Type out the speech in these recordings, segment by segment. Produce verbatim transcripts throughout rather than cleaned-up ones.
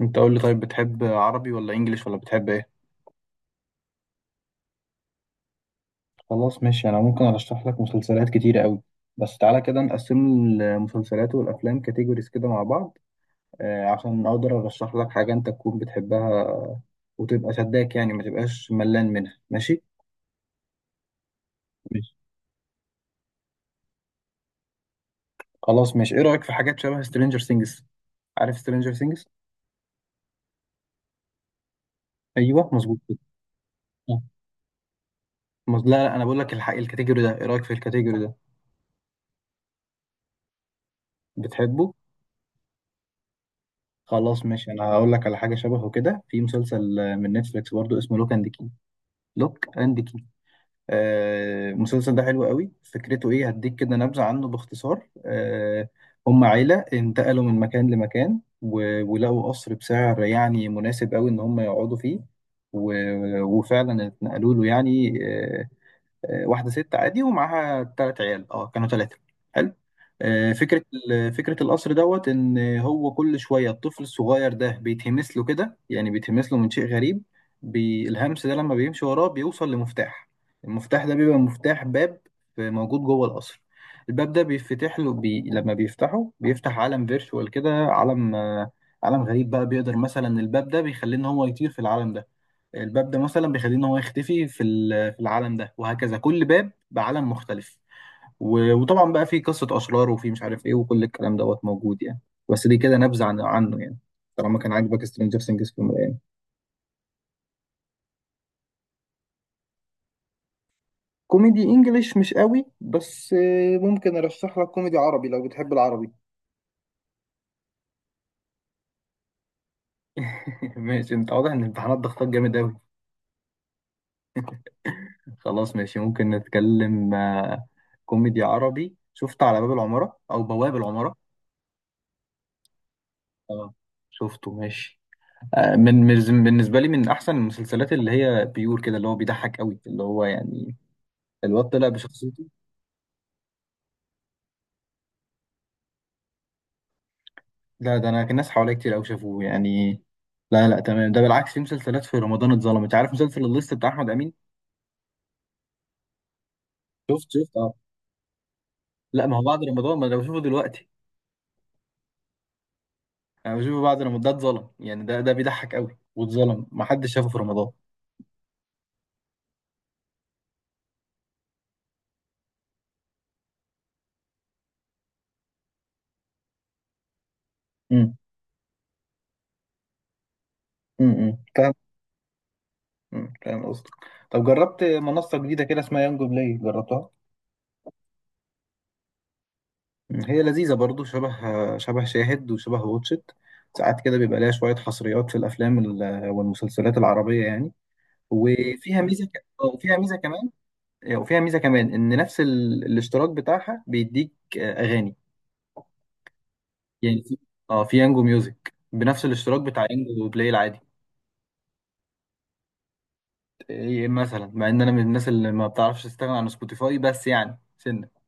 انت قول لي طيب، بتحب عربي ولا انجليش ولا بتحب ايه؟ خلاص ماشي، انا ممكن ارشح لك مسلسلات كتيرة قوي. بس تعالى كده نقسم المسلسلات والافلام كاتيجوريز كده مع بعض، آه، عشان اقدر ارشح لك حاجة انت تكون بتحبها، وتبقى شداك يعني ما تبقاش ملان منها. ماشي ماشي، خلاص ماشي، ايه رأيك في حاجات شبه سترينجر سينجز؟ عارف سترينجر سينجز؟ ايوه مظبوط كده. آه. مز... لا لا، انا بقول لك الحق، الكاتيجوري ده ايه رأيك في الكاتيجوري ده؟ بتحبه؟ خلاص ماشي، انا هقول لك على حاجه شبهه كده في مسلسل، آه، من نتفليكس برضو، اسمه لوك اند كي. لوك اند كي. آه، المسلسل ده حلو قوي، فكرته ايه؟ هديك كده نبذه عنه باختصار. آه، هم عيله انتقلوا من مكان لمكان، و- ولقوا قصر بسعر يعني مناسب قوي ان هم يقعدوا فيه. و- وفعلا اتنقلوا له يعني. آه، آه، واحده ست عادي ومعاها ثلاث عيال، اه كانوا ثلاثه. حلو. آه، فكره ال- فكره القصر دوت ان هو كل شويه الطفل الصغير ده بيتهمس له كده، يعني بيتهمس له من شيء غريب. بي- الهمس ده لما بيمشي وراه بيوصل لمفتاح. المفتاح ده بيبقى مفتاح باب موجود جوه القصر. الباب ده بيفتح له، بي... لما بيفتحه بيفتح عالم فيرتشوال كده، عالم، آه، عالم غريب بقى. بيقدر مثلا الباب ده بيخليه ان هو يطير في العالم ده، الباب ده مثلا بيخليه ان هو يختفي في ال- في العالم ده، وهكذا كل باب بعالم مختلف. و- وطبعا بقى في قصة أشرار وفي مش عارف ايه، وكل الكلام دوت موجود يعني. بس دي كده نبذة عن عنه يعني. طالما كان عاجبك سترينجر سينجز في المراية. كوميدي انجليش مش قوي، بس آه، ممكن ارشح لك كوميدي عربي لو بتحب العربي. ماشي، انت واضح ان الامتحانات ضغطك جامد قوي. خلاص ماشي، ممكن نتكلم. آه، كوميدي عربي، شفت على باب العمارة او بواب العمارة؟ اه شفته ماشي. آه، من من- بالنسبه لي من احسن المسلسلات، اللي هي بيور كده، اللي هو بيضحك قوي، اللي هو يعني الواد طلع بشخصيته. لا ده، انا كان ناس حواليا كتير قوي شافوه يعني. لا لا تمام، ده بالعكس، في مسلسلات في رمضان اتظلمت. عارف مسلسل الليست بتاع احمد امين؟ شفت شفت اه. لا، ما هو بعد رمضان ما انا بشوفه دلوقتي. انا بشوفه بعد رمضان، ده اتظلم يعني، ده ده بيضحك قوي واتظلم، ما حدش شافه في رمضان. امم، امم فاهم. مم. فاهم قصدك. طب جربت منصه جديده كده اسمها يانجو بلاي؟ جربتها؟ هي لذيذة برضو، شبه شبه شاهد وشبه واتشت. ساعات كده بيبقى ليها شوية حصريات في الأفلام ال- والمسلسلات العربية يعني. وفيها ميزة ك... آه، وفيها ميزة كمان، آه، وفيها ميزة كمان إن نفس ال... الاشتراك بتاعها بيديك آه، أغاني. يعني في، اه في يانجو ميوزك بنفس الاشتراك بتاع يانجو بلاي العادي. إيه مثلا، مع إن أنا من الناس اللي ما بتعرفش تستغنى عن سبوتيفاي، بس يعني سنة.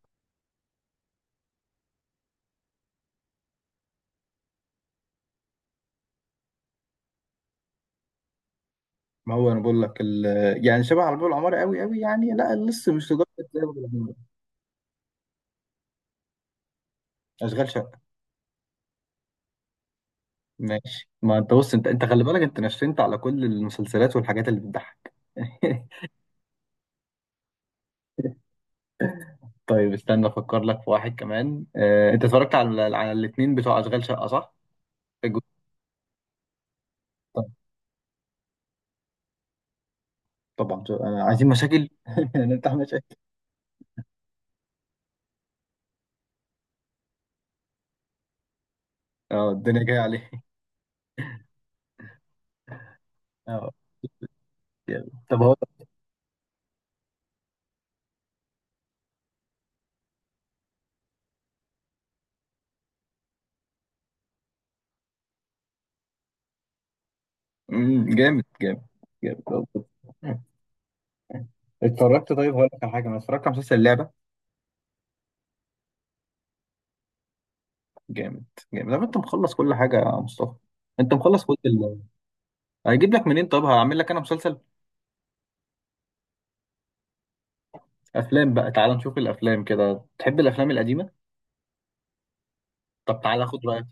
ما هو أنا بقول لك ال... يعني شبه على باب العمارة قوي قوي، يعني لا لسه مش لدرجة. زي ما بقول لك. أشغال شقة. ماشي، ما انت بص، انت انت خلي بالك، انت نشنت على كل المسلسلات والحاجات اللي بتضحك. طيب استنى افكر لك في واحد كمان. اه انت اتفرجت على على الاثنين بتوع اشغال شقة صح؟ الجزء- طب- طبعا، شو- آه، عايزين مشاكل نفتح مشاكل. اه، الدنيا جايه عليه. اه جامد. طب هو، مم، جامد جامد. جامد طب، اتفرجت. طيب هقول لك على حاجه، انا اتفرجت على مسلسل اللعبه. جامد. جامد طب، انت مخلص كل حاجه يا مصطفى؟ انت مخلص كل ال... هيجيب لك منين؟ طب هعمل لك انا مسلسل، افلام بقى. تعال نشوف الافلام كده، تحب الافلام القديمه؟ طب تعال اخد رايك.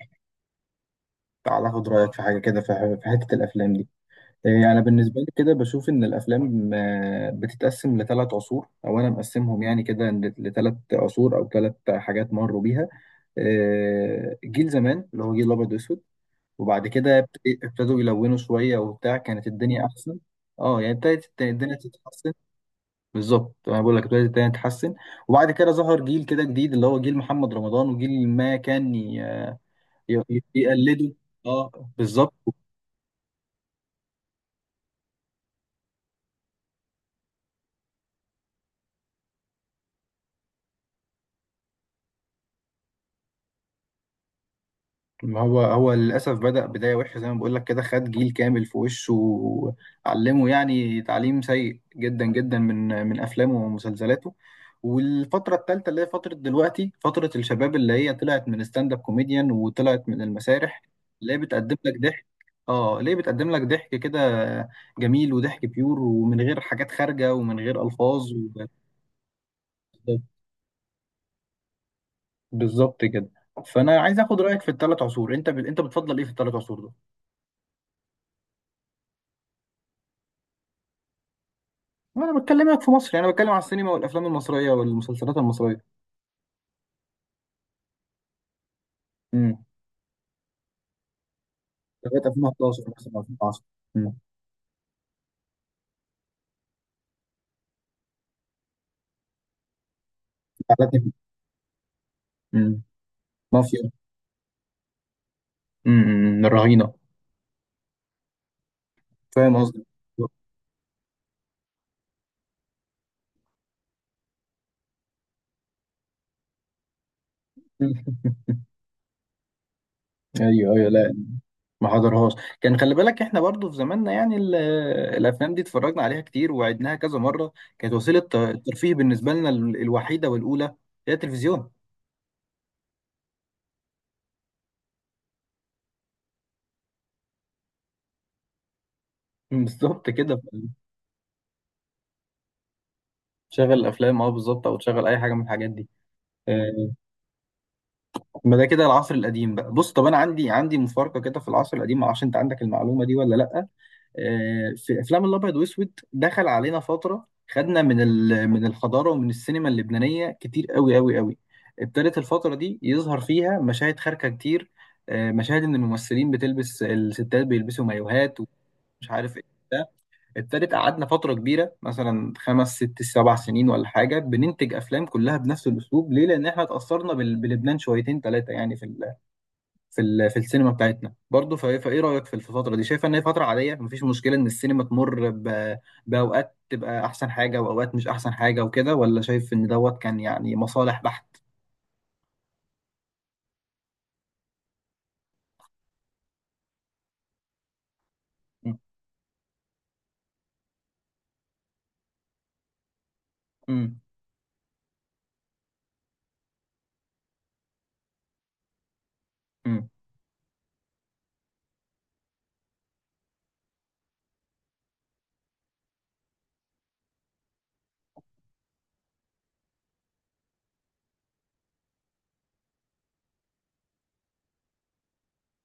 تعال اخد رايك في حاجه كده، في ح- في حته الافلام دي. إيه، انا بالنسبه لي كده بشوف ان الافلام آه، بتتقسم لثلاث عصور، او انا مقسمهم يعني كده لثلاث عصور، او ثلاث حاجات مروا بيها. آه، جيل زمان، اللي هو جيل الابيض واسود. وبعد كده ابت- ابتدوا يلونوا شويه وبتاع، كانت الدنيا احسن. اه يعني ابتدت الدنيا تتحسن. بالظبط، انا بقول لك ابتدت الدنيا تتحسن. وبعد كده ظهر جيل كده جديد، اللي هو جيل محمد رمضان، وجيل ما كان ي- ي- يقلده. اه بالظبط. ما هو هو للأسف بدأ بداية وحشة، زي ما بقول لك كده، خد جيل كامل في وشه وعلمه يعني تعليم سيء جدا جدا، من من أفلامه ومسلسلاته. والفترة التالتة، اللي هي فترة دلوقتي، فترة الشباب، اللي هي طلعت من ستاند اب كوميديان وطلعت من المسارح، اللي هي بتقدم لك ضحك. اه، ليه بتقدم لك ضحك كده جميل، وضحك بيور، ومن غير حاجات خارجة ومن غير ألفاظ. و- بالظبط كده. فأنا عايز آخد رأيك في الثلاث عصور، أنت ب... أنت بتفضل إيه في الثلاث عصور دول؟ انا بكلمك في مصر يعني، انا بتكلم على السينما والافلام المصريه والمسلسلات المصريه. امم، لغايه ألفين وحدعش مثلا، ألفين وعشرة. امم. جعلتني فيه. امم. مافيا. امم، الرهينه. فاهم قصدي. ايوه ايوه، لا. ما حضرهاش. كان خلي بالك، احنا برضو في زماننا يعني ال- الافلام دي اتفرجنا عليها كتير، وعدناها كذا مره. كانت وسيله ت- الترفيه بالنسبه لنا، ال- الوحيده والاولى هي التلفزيون. بالظبط كده. تشغل الافلام، اه بالظبط، او تشغل اي حاجه من الحاجات دي. آه، ما ده كده العصر القديم بقى. بص طب، انا عندي عندي مفارقه كده في العصر القديم، ما اعرفش انت عندك المعلومه دي ولا لا. آه، في افلام الابيض واسود دخل علينا فتره، خدنا من ال- من الحضاره ومن السينما اللبنانيه كتير قوي قوي قوي. ابتدت الفتره دي يظهر فيها مشاهد خارجه كتير. آه، مشاهد ان الممثلين بتلبس، الستات بيلبسوا مايوهات ومش عارف ايه. ده، ابتدت قعدنا فتره كبيره مثلا خمس ست سبع سنين ولا حاجه، بننتج افلام كلها بنفس الاسلوب. ليه؟ لان احنا اتاثرنا بال- بلبنان شويتين ثلاثه، يعني في ال في ال- في السينما بتاعتنا برضه. فايه فإيه رايك في الفتره دي؟ شايفه ان هي فتره عاديه مفيش مشكله ان السينما تمر ب- باوقات تبقى احسن حاجه واوقات مش احسن حاجه وكده، ولا شايف ان دوت كان يعني مصالح بحت؟ امم امم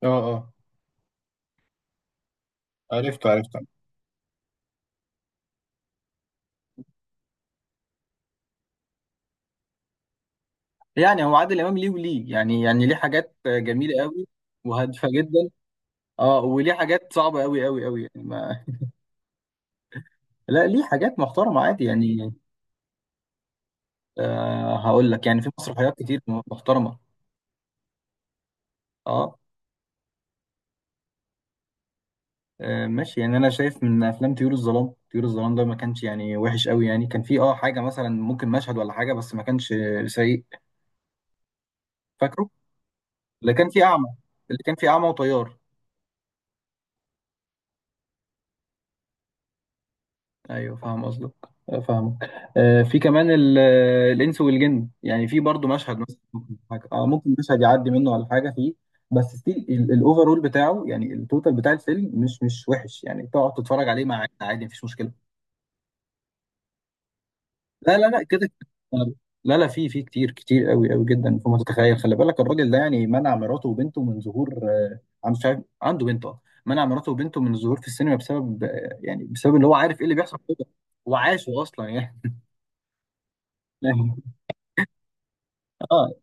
اه اه، عرفته عرفته. يعني هو عادل امام ليه وليه، يعني يعني ليه حاجات جميله قوي وهادفه جدا. اه، وليه حاجات صعبه قوي قوي قوي، يعني ما... لا، ليه حاجات محترمه عادي يعني. آه هقول لك، يعني في مسرحيات كتير محترمه. اه. آه، ماشي، يعني انا شايف من افلام طيور الظلام. طيور الظلام ده ما كانش يعني وحش قوي، يعني كان فيه اه حاجه مثلا، ممكن مشهد ولا حاجه، بس ما كانش سيء. فاكره، اللي كان فيه اعمى، اللي كان فيه اعمى وطيار. ايوه فاهم قصدك. آه، فاهمك. آه، في كمان ال- آه، الانس والجن، يعني في برضو مشهد مثلا، ممكن حاجه، اه ممكن مشهد يعدي منه ولا حاجه فيه. بس ستيل الاوفرول بتاعه، يعني التوتال بتاع الفيلم مش مش وحش، يعني تقعد تتفرج عليه مع عادي، مفيش مشكله. لا لا لا كده كده. لا لا، في في كتير كتير قوي قوي جدا فوق ما تتخيل. خلي بالك الراجل ده يعني منع مراته وبنته من ظهور، آه، عنده، مش عارف عنده بنته. آه. منع مراته وبنته من الظهور في السينما بسبب، آه، يعني بسبب اللي هو عارف ايه اللي بيحصل كده. وعاشه اصلا يعني. اه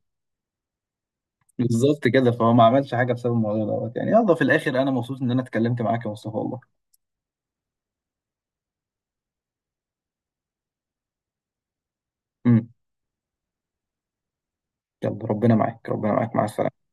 بالظبط كده. فهو ما عملش حاجه بسبب الموضوع دوت يعني. يلا في الاخر انا مبسوط ان انا اتكلمت معاك يا مصطفى، والله. امم. يلا ربنا معاك، ربنا معاك، مع السلامه.